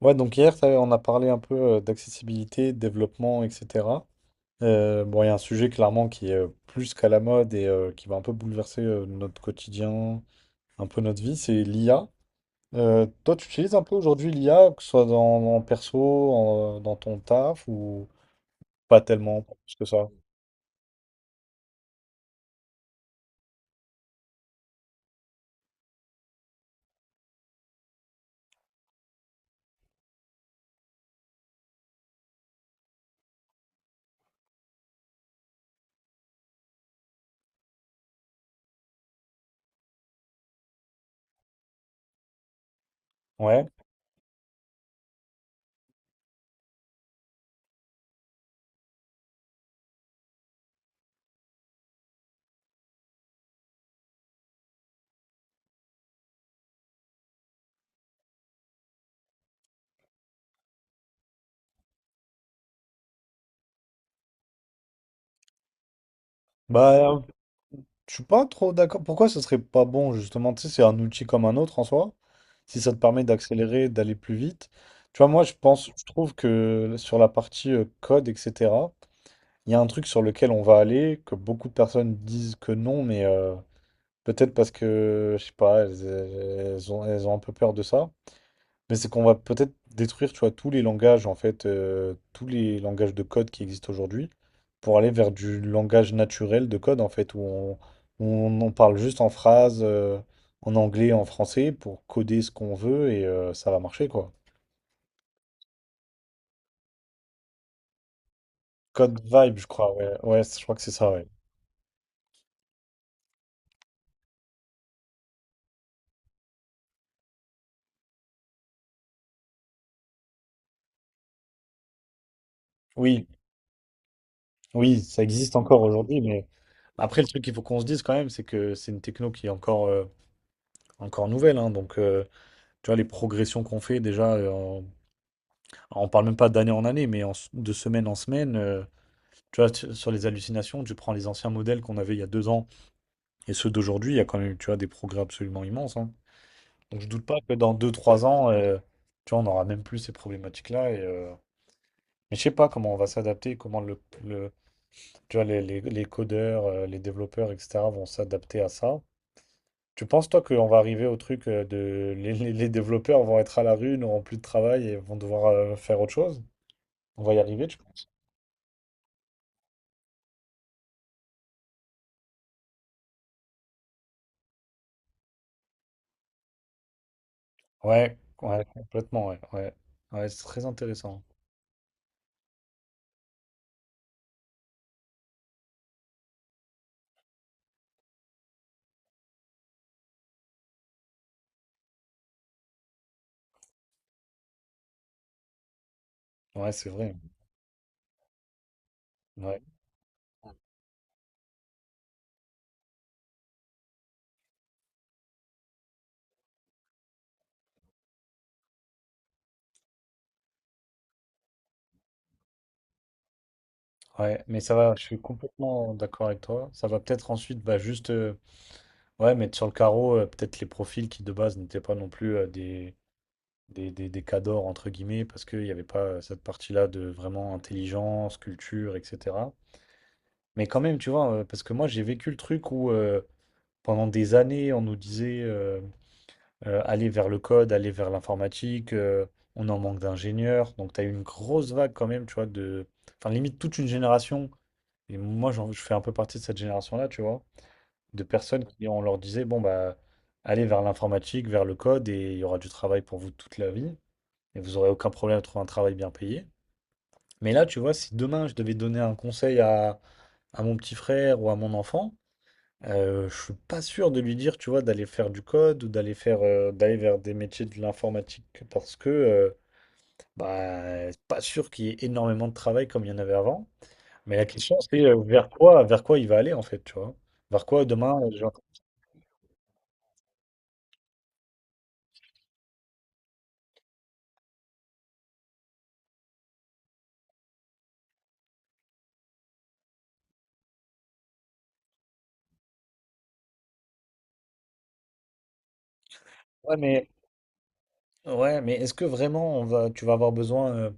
Ouais, donc hier, ça, on a parlé un peu d'accessibilité, de développement, etc. Bon, il y a un sujet clairement qui est plus qu'à la mode et qui va un peu bouleverser notre quotidien, un peu notre vie, c'est l'IA. Toi, tu utilises un peu aujourd'hui l'IA, que ce soit en perso, dans ton taf, ou pas tellement, pas plus que ça? Ouais. Bah, Je suis pas trop d'accord. Pourquoi ce serait pas bon, justement? Tu sais, c'est un outil comme un autre en soi. Si ça te permet d'accélérer, d'aller plus vite. Tu vois, moi, je pense, je trouve que sur la partie code, etc., il y a un truc sur lequel on va aller, que beaucoup de personnes disent que non, mais peut-être parce que, je sais pas, elles, elles ont un peu peur de ça. Mais c'est qu'on va peut-être détruire, tu vois, tous les langages, en fait, tous les langages de code qui existent aujourd'hui, pour aller vers du langage naturel de code, en fait, où on parle juste en phrases, en anglais, en français, pour coder ce qu'on veut, et ça va marcher, quoi. Code Vibe, je crois, ouais. Ouais, je crois que c'est ça, ouais. Oui, oui, ça existe encore aujourd'hui, mais après, le truc qu'il faut qu'on se dise quand même, c'est que c'est une techno qui est encore, encore nouvelle, hein, donc, tu vois, les progressions qu'on fait déjà en on parle même pas d'année en année, mais de semaine en semaine. Tu vois, sur les hallucinations, tu prends les anciens modèles qu'on avait il y a deux ans et ceux d'aujourd'hui, il y a quand même, tu vois, des progrès absolument immenses, hein. Donc je doute pas que dans deux, trois ans, tu vois, on n'aura même plus ces problématiques-là. Et, mais je sais pas comment on va s'adapter, comment le- tu vois, les codeurs, les développeurs, etc. vont s'adapter à ça. Tu penses, toi, qu'on va arriver au truc de... les développeurs vont être à la rue, n'auront plus de travail et vont devoir faire autre chose? On va y arriver, tu ouais, ouais, complètement, ouais, ouais. Ouais, c'est très intéressant. Ouais, c'est vrai. Ouais, ouais, mais ça va, je suis complètement d'accord avec toi. Ça va peut-être ensuite, bah, juste, ouais, mettre sur le carreau, peut-être les profils qui de base n'étaient pas non plus des cadors, entre guillemets, parce qu'il n'y avait pas cette partie-là de vraiment intelligence, culture, etc. Mais quand même, tu vois, parce que moi, j'ai vécu le truc où pendant des années, on nous disait, aller vers le code, aller vers l'informatique, on en manque d'ingénieurs. Donc, tu as eu une grosse vague quand même, tu vois, de... Enfin, limite toute une génération. Et moi, je fais un peu partie de cette génération-là, tu vois, de personnes qui, on leur disait, bon, bah, allez vers l'informatique, vers le code, et il y aura du travail pour vous toute la vie. Et vous aurez aucun problème à trouver un travail bien payé. Mais là, tu vois, si demain, je devais donner un conseil à mon petit frère ou à mon enfant, je suis pas sûr de lui dire, tu vois, d'aller faire du code ou d'aller faire d'aller vers des métiers de l'informatique parce que bah c'est pas sûr qu'il y ait énormément de travail comme il y en avait avant. Mais la question c'est vers quoi il va aller en fait, tu vois. Vers quoi demain ouais mais est-ce que vraiment on va tu vas avoir besoin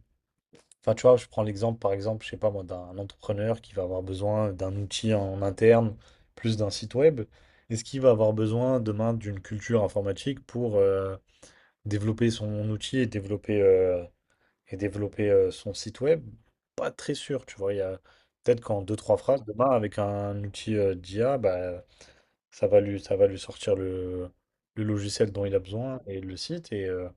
enfin tu vois, je prends l'exemple par exemple, je sais pas moi d'un entrepreneur qui va avoir besoin d'un outil en interne plus d'un site web. Est-ce qu'il va avoir besoin demain d'une culture informatique pour développer son outil et développer, son site web? Pas très sûr, tu vois? Il y a peut-être qu'en deux trois phrases, demain, avec un outil, d'IA, bah, ça va lui sortir le logiciel dont il a besoin et le site et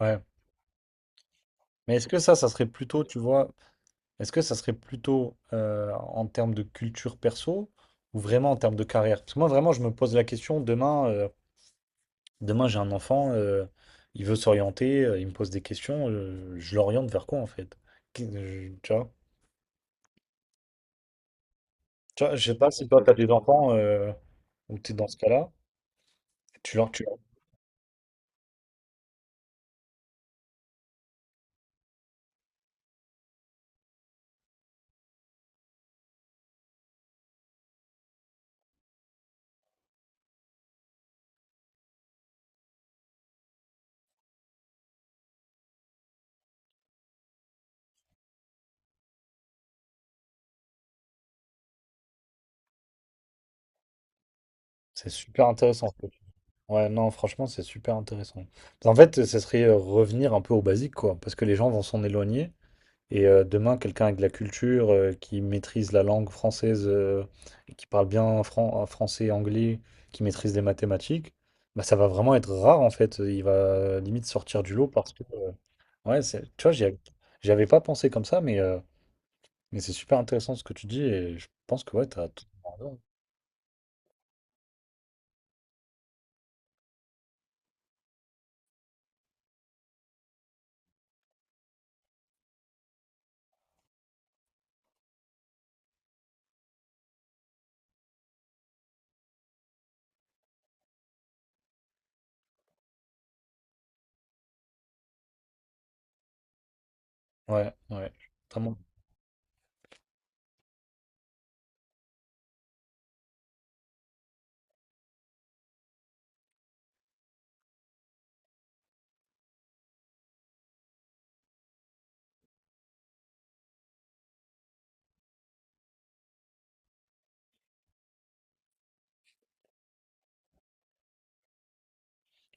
ouais. Mais est-ce que ça serait plutôt, tu vois? Est-ce que ça serait plutôt, en termes de culture perso ou vraiment en termes de carrière? Parce que moi, vraiment, je me pose la question demain, demain, j'ai un enfant, il veut s'orienter, il me pose des questions, je l'oriente vers quoi en fait? Tu vois? Tu vois, je sais pas si toi, tu as des enfants ou tu es dans ce cas-là. Tu leur, tu leur- C'est super intéressant, ce que tu... Ouais, non, franchement, c'est super intéressant. En fait, ce serait revenir un peu au basique, quoi, parce que les gens vont s'en éloigner. Et demain, quelqu'un avec de la culture, qui maîtrise la langue française, et qui parle bien français, anglais, qui maîtrise les mathématiques, bah, ça va vraiment être rare en fait. Il va limite sortir du lot parce que, ouais, tu vois, j'y avais pas pensé comme ça, mais c'est super intéressant ce que tu dis et je pense que ouais, t'as totalement raison. Ouais, ouais, totalement.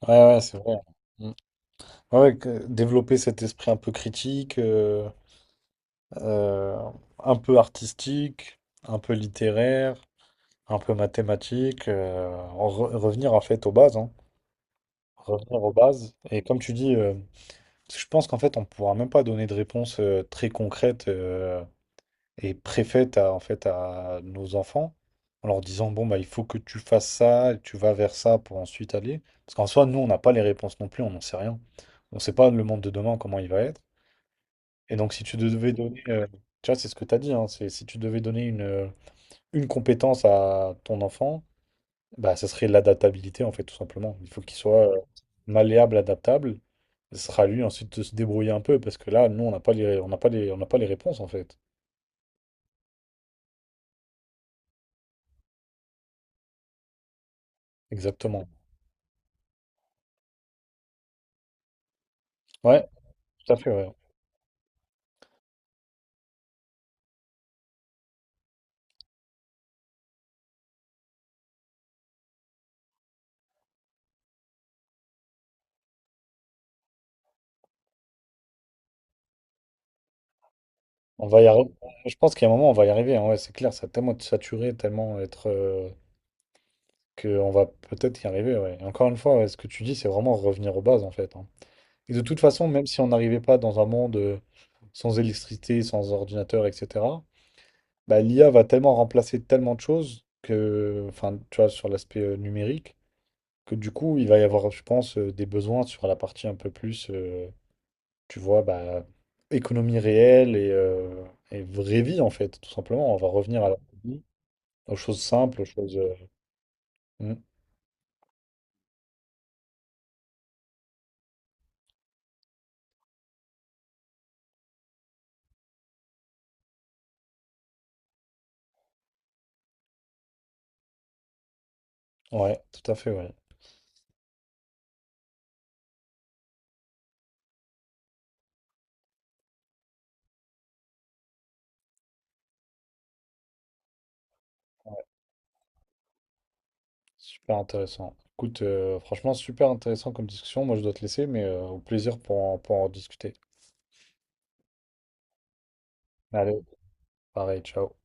Ouais, ouais, c'est vrai. Mm. Ouais, développer cet esprit un peu critique, euh, un peu artistique, un peu littéraire, un peu mathématiques, revenir en fait aux bases, hein. Revenir aux bases. Et comme tu dis, je pense qu'en fait, on ne pourra même pas donner de réponse très concrète et préfète à, en fait, à nos enfants en leur disant, bon, bah, il faut que tu fasses ça, tu vas vers ça pour ensuite aller. Parce qu'en soi, nous, on n'a pas les réponses non plus, on n'en sait rien. On ne sait pas le monde de demain, comment il va être. Et donc, si tu devais donner, tu vois, c'est ce que tu as dit, hein, c'est si tu devais donner une compétence à ton enfant, bah, ça serait l'adaptabilité, en fait, tout simplement. Il faut qu'il soit malléable, adaptable. Ce sera à lui ensuite de se débrouiller un peu, parce que là, nous, on n'a pas les réponses, en fait. Exactement. Ouais, tout à fait, ouais. On va y arri- Je pense qu'à un moment, on va y arriver, hein. Ouais, c'est clair, ça va tellement être saturé, tellement être... que on va peut-être y arriver, ouais. Et encore une fois, ouais, ce que tu dis, c'est vraiment revenir aux bases, en fait, hein. Et de toute façon, même si on n'arrivait pas dans un monde sans électricité, sans ordinateur, etc., bah, l'IA va tellement remplacer tellement de choses que, enfin, tu vois, sur l'aspect numérique, que du coup, il va y avoir, je pense, des besoins sur la partie un peu plus, tu vois, bah, économie réelle et vraie vie, en fait, tout simplement. On va revenir à la vie, aux choses simples, aux choses. Mm. Ouais, tout à fait, ouais. Super intéressant. Écoute, franchement, super intéressant comme discussion. Moi, je dois te laisser, mais au plaisir pour pour en discuter. Allez, pareil, ciao.